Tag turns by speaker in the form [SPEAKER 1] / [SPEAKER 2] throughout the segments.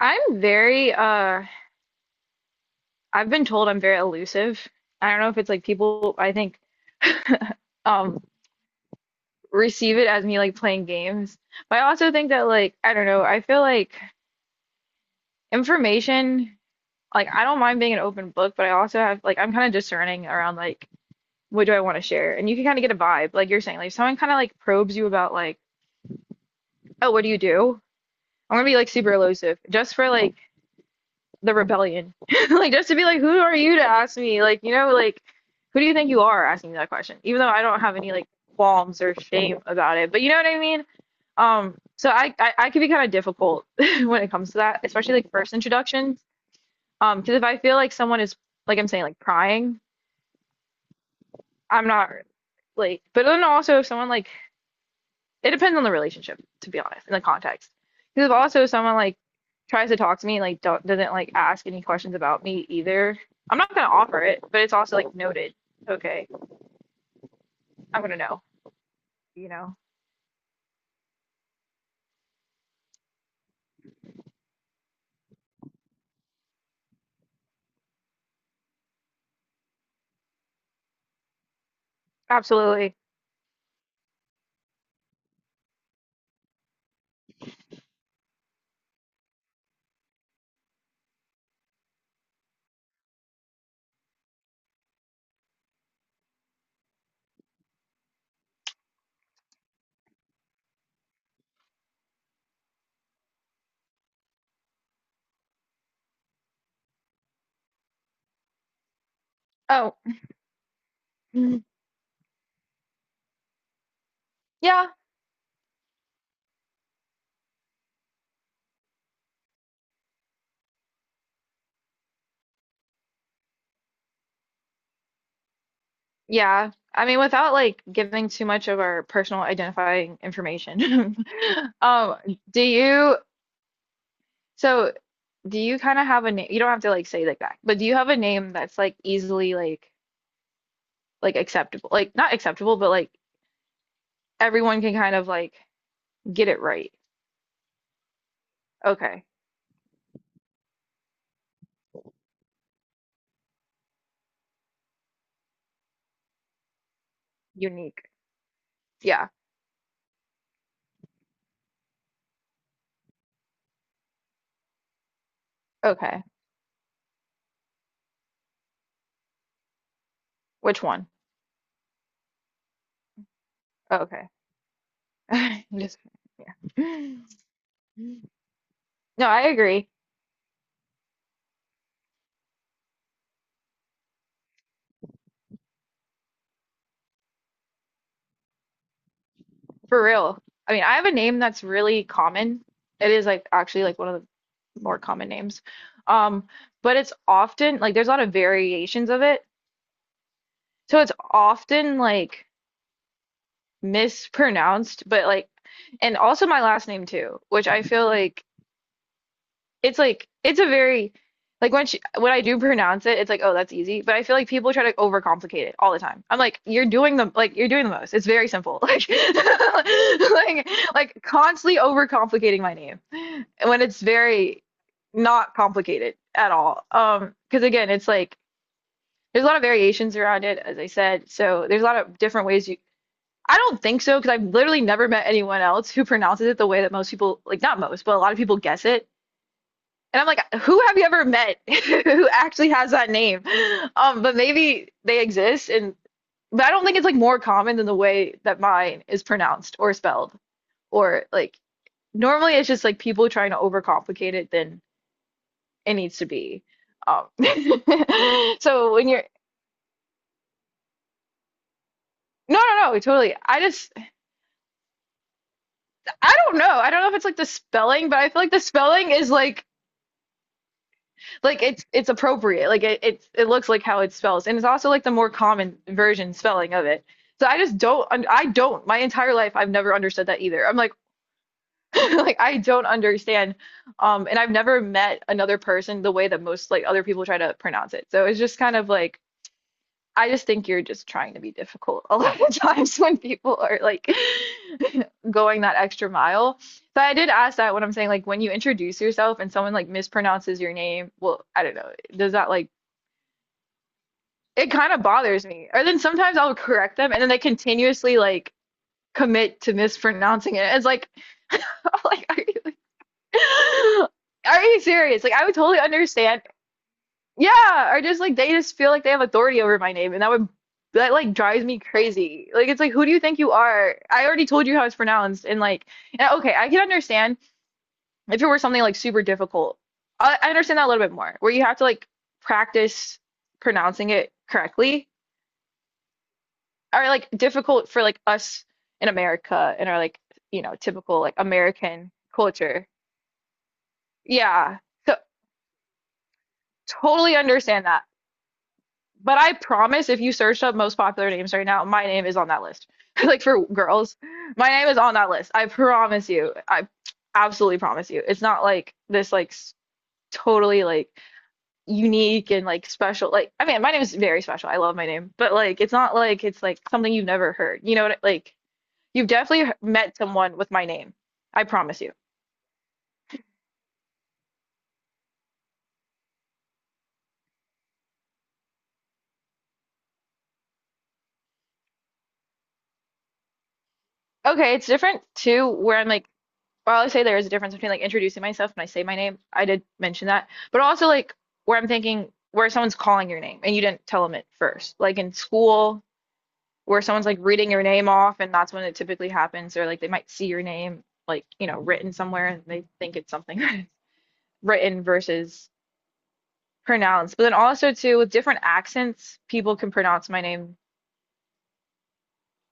[SPEAKER 1] I'm very I've been told I'm very elusive. I don't know if it's like people I think um receive it as me like playing games. But I also think that like I don't know, I feel like information like I don't mind being an open book, but I also have like I'm kind of discerning around like what do I want to share? And you can kind of get a vibe, like you're saying, like if someone kind of like probes you about like, oh, what do you do? I'm gonna be like super elusive just for like the rebellion. Like just to be like, who are you to ask me? Like, you know, like who do you think you are asking me that question? Even though I don't have any like qualms or shame about it. But you know what I mean? So I could be kind of difficult when it comes to that, especially like first introductions. Because if I feel like someone is like I'm saying like prying, I'm not like. But then also if someone like it depends on the relationship, to be honest, in the context. Because if also someone like tries to talk to me, like don't, doesn't like ask any questions about me either, I'm not gonna offer it, but it's also like noted. Okay, I'm gonna know, you know. Absolutely. Oh, mm, yeah, yeah. I mean, without like giving too much of our personal identifying information, um, do you, so do you kind of have a name? You don't have to like say like that, but do you have a name that's like easily like acceptable? Like not acceptable, but like everyone can kind of like get it right. Okay. Unique. Yeah. Okay. Which one? Okay. Just no, I agree. For real. I mean, I have a name that's really common. It is like actually like one of the more common names. Um, but it's often like there's a lot of variations of it. So it's often like mispronounced, but like and also my last name too, which I feel like it's a very like when she, when I do pronounce it, it's like, oh, that's easy. But I feel like people try to overcomplicate it all the time. I'm like, you're doing the like you're doing the most. It's very simple. Like like like constantly overcomplicating my name when it's very not complicated at all. Because again, it's like there's a lot of variations around it, as I said. So there's a lot of different ways you. I don't think so because I've literally never met anyone else who pronounces it the way that most people like not most, but a lot of people guess it. And I'm like, who have you ever met who actually has that name? But maybe they exist and but I don't think it's like more common than the way that mine is pronounced or spelled or like normally it's just like people trying to overcomplicate it than it needs to be. Um, so when you're no, no, no, totally. I just I don't know. I don't know if it's like the spelling, but I feel like the spelling is like. Like it's appropriate. Like it it's, it looks like how it spells, and it's also like the more common version spelling of it. So I just don't I don't my entire life I've never understood that either. I'm like like I don't understand, and I've never met another person the way that most like other people try to pronounce it. So it's just kind of like I just think you're just trying to be difficult a lot of times when people are like going that extra mile. So I did ask that when I'm saying like when you introduce yourself and someone like mispronounces your name, well, I don't know, does that like it kind of bothers me. Or then sometimes I'll correct them, and then they continuously like commit to mispronouncing it. It's like, like, are you, are you serious? Like, I would totally understand. Yeah, or just like they just feel like they have authority over my name, and that would that like drives me crazy. Like, it's like, who do you think you are? I already told you how it's pronounced, and like, and, okay, I can understand if it were something like super difficult. I understand that a little bit more, where you have to like practice pronouncing it correctly are like difficult for like us in America and our like, you know, typical like American culture. Yeah. So totally understand that. But I promise if you search up most popular names right now, my name is on that list. Like for girls, my name is on that list. I promise you. I absolutely promise you. It's not like this like s- totally like unique and like special. Like I mean, my name is very special. I love my name, but like it's not like it's like something you've never heard. You know what I- like you've definitely met someone with my name. I promise you. Okay, it's different too, where I'm like, while I say there is a difference between like introducing myself when I say my name. I did mention that, but also like where I'm thinking where someone's calling your name and you didn't tell them it first. Like in school, where someone's like reading your name off, and that's when it typically happens, or like they might see your name like, you know, written somewhere and they think it's something written versus pronounced. But then also too, with different accents, people can pronounce my name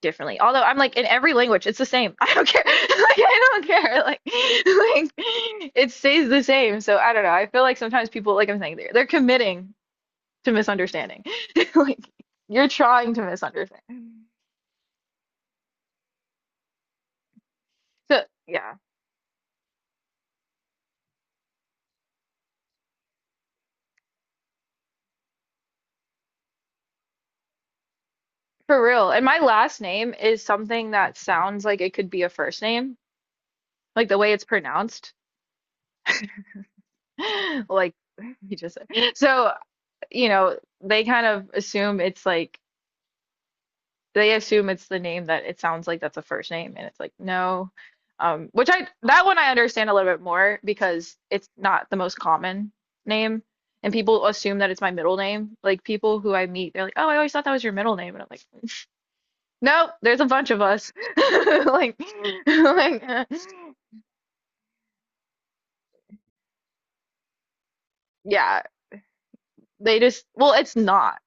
[SPEAKER 1] differently. Although I'm like in every language, it's the same. I don't care. Like I don't care. Like it stays the same. So I don't know. I feel like sometimes people, like I'm saying, they're committing to misunderstanding. Like you're trying to misunderstand. So yeah, for real. And my last name is something that sounds like it could be a first name, like the way it's pronounced. Like you just said. So, you know, they kind of assume it's like they assume it's the name that it sounds like that's a first name and it's like no, which I that one I understand a little bit more because it's not the most common name, and people assume that it's my middle name, like people who I meet they're like oh I always thought that was your middle name and I'm like nope there's a bunch of us like like yeah they just well it's not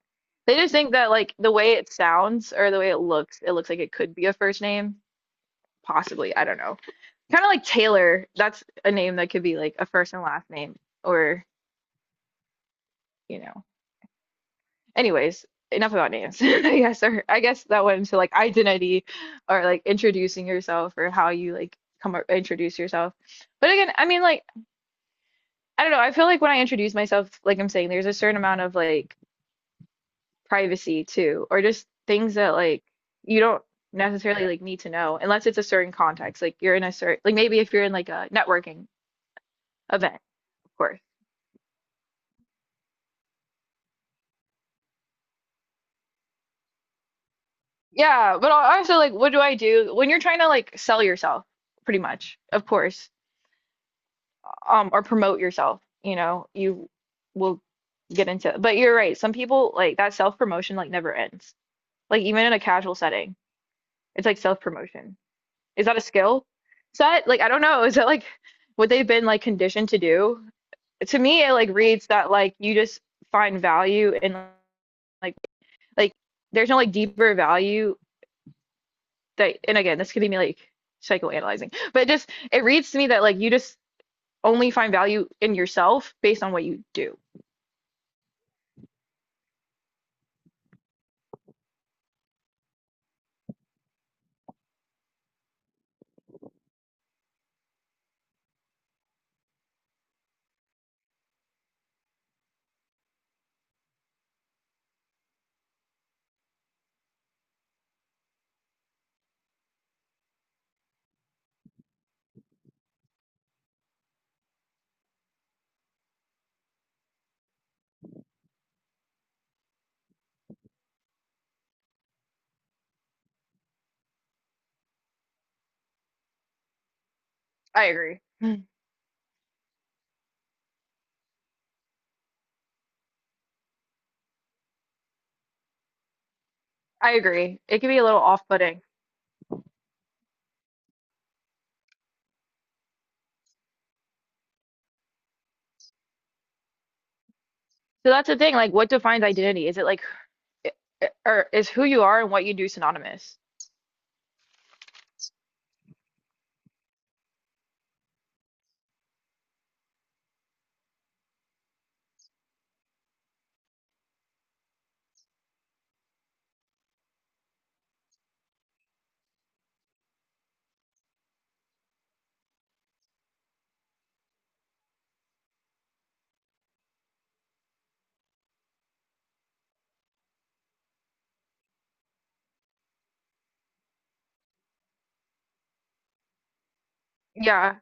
[SPEAKER 1] they just think that like the way it sounds or the way it looks like it could be a first name possibly I don't know. Kind of like Taylor. That's a name that could be like a first and last name, or you know. Anyways, enough about names. I guess, or I guess that went into like identity, or like introducing yourself, or how you like come up, introduce yourself. But again, I mean, like I don't know. I feel like when I introduce myself, like I'm saying, there's a certain amount of like privacy too, or just things that like you don't necessarily like need to know unless it's a certain context. Like you're in a certain like maybe if you're in like a networking event, of course. Yeah, but al- also like what do I do when you're trying to like sell yourself, pretty much, of course, or promote yourself, you know, you will get into. But you're right, some people like that self-promotion like never ends. Like even in a casual setting, it's like self-promotion. Is that a skill set? Like I don't know. Is that like what they've been like conditioned to do? To me, it like reads that like you just find value in like like there's no like deeper value that and again this could be me like psychoanalyzing but just it reads to me that like you just only find value in yourself based on what you do. I agree. Mm. I agree. It can be a little off-putting. So that's the thing, like what defines identity? Is it like eh, eh, or is who you are and what you do synonymous? Yeah.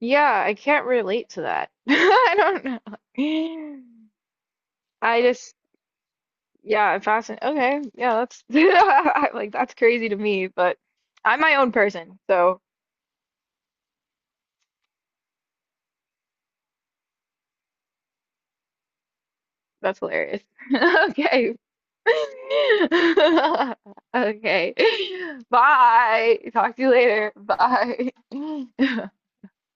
[SPEAKER 1] Yeah, I can't relate to that. I don't know. I just, yeah, I'm fascinated. Okay, yeah, that's I- like that's crazy to me, but I'm my own person, so that's hilarious. Okay. Okay. Bye. Talk to you later. Bye.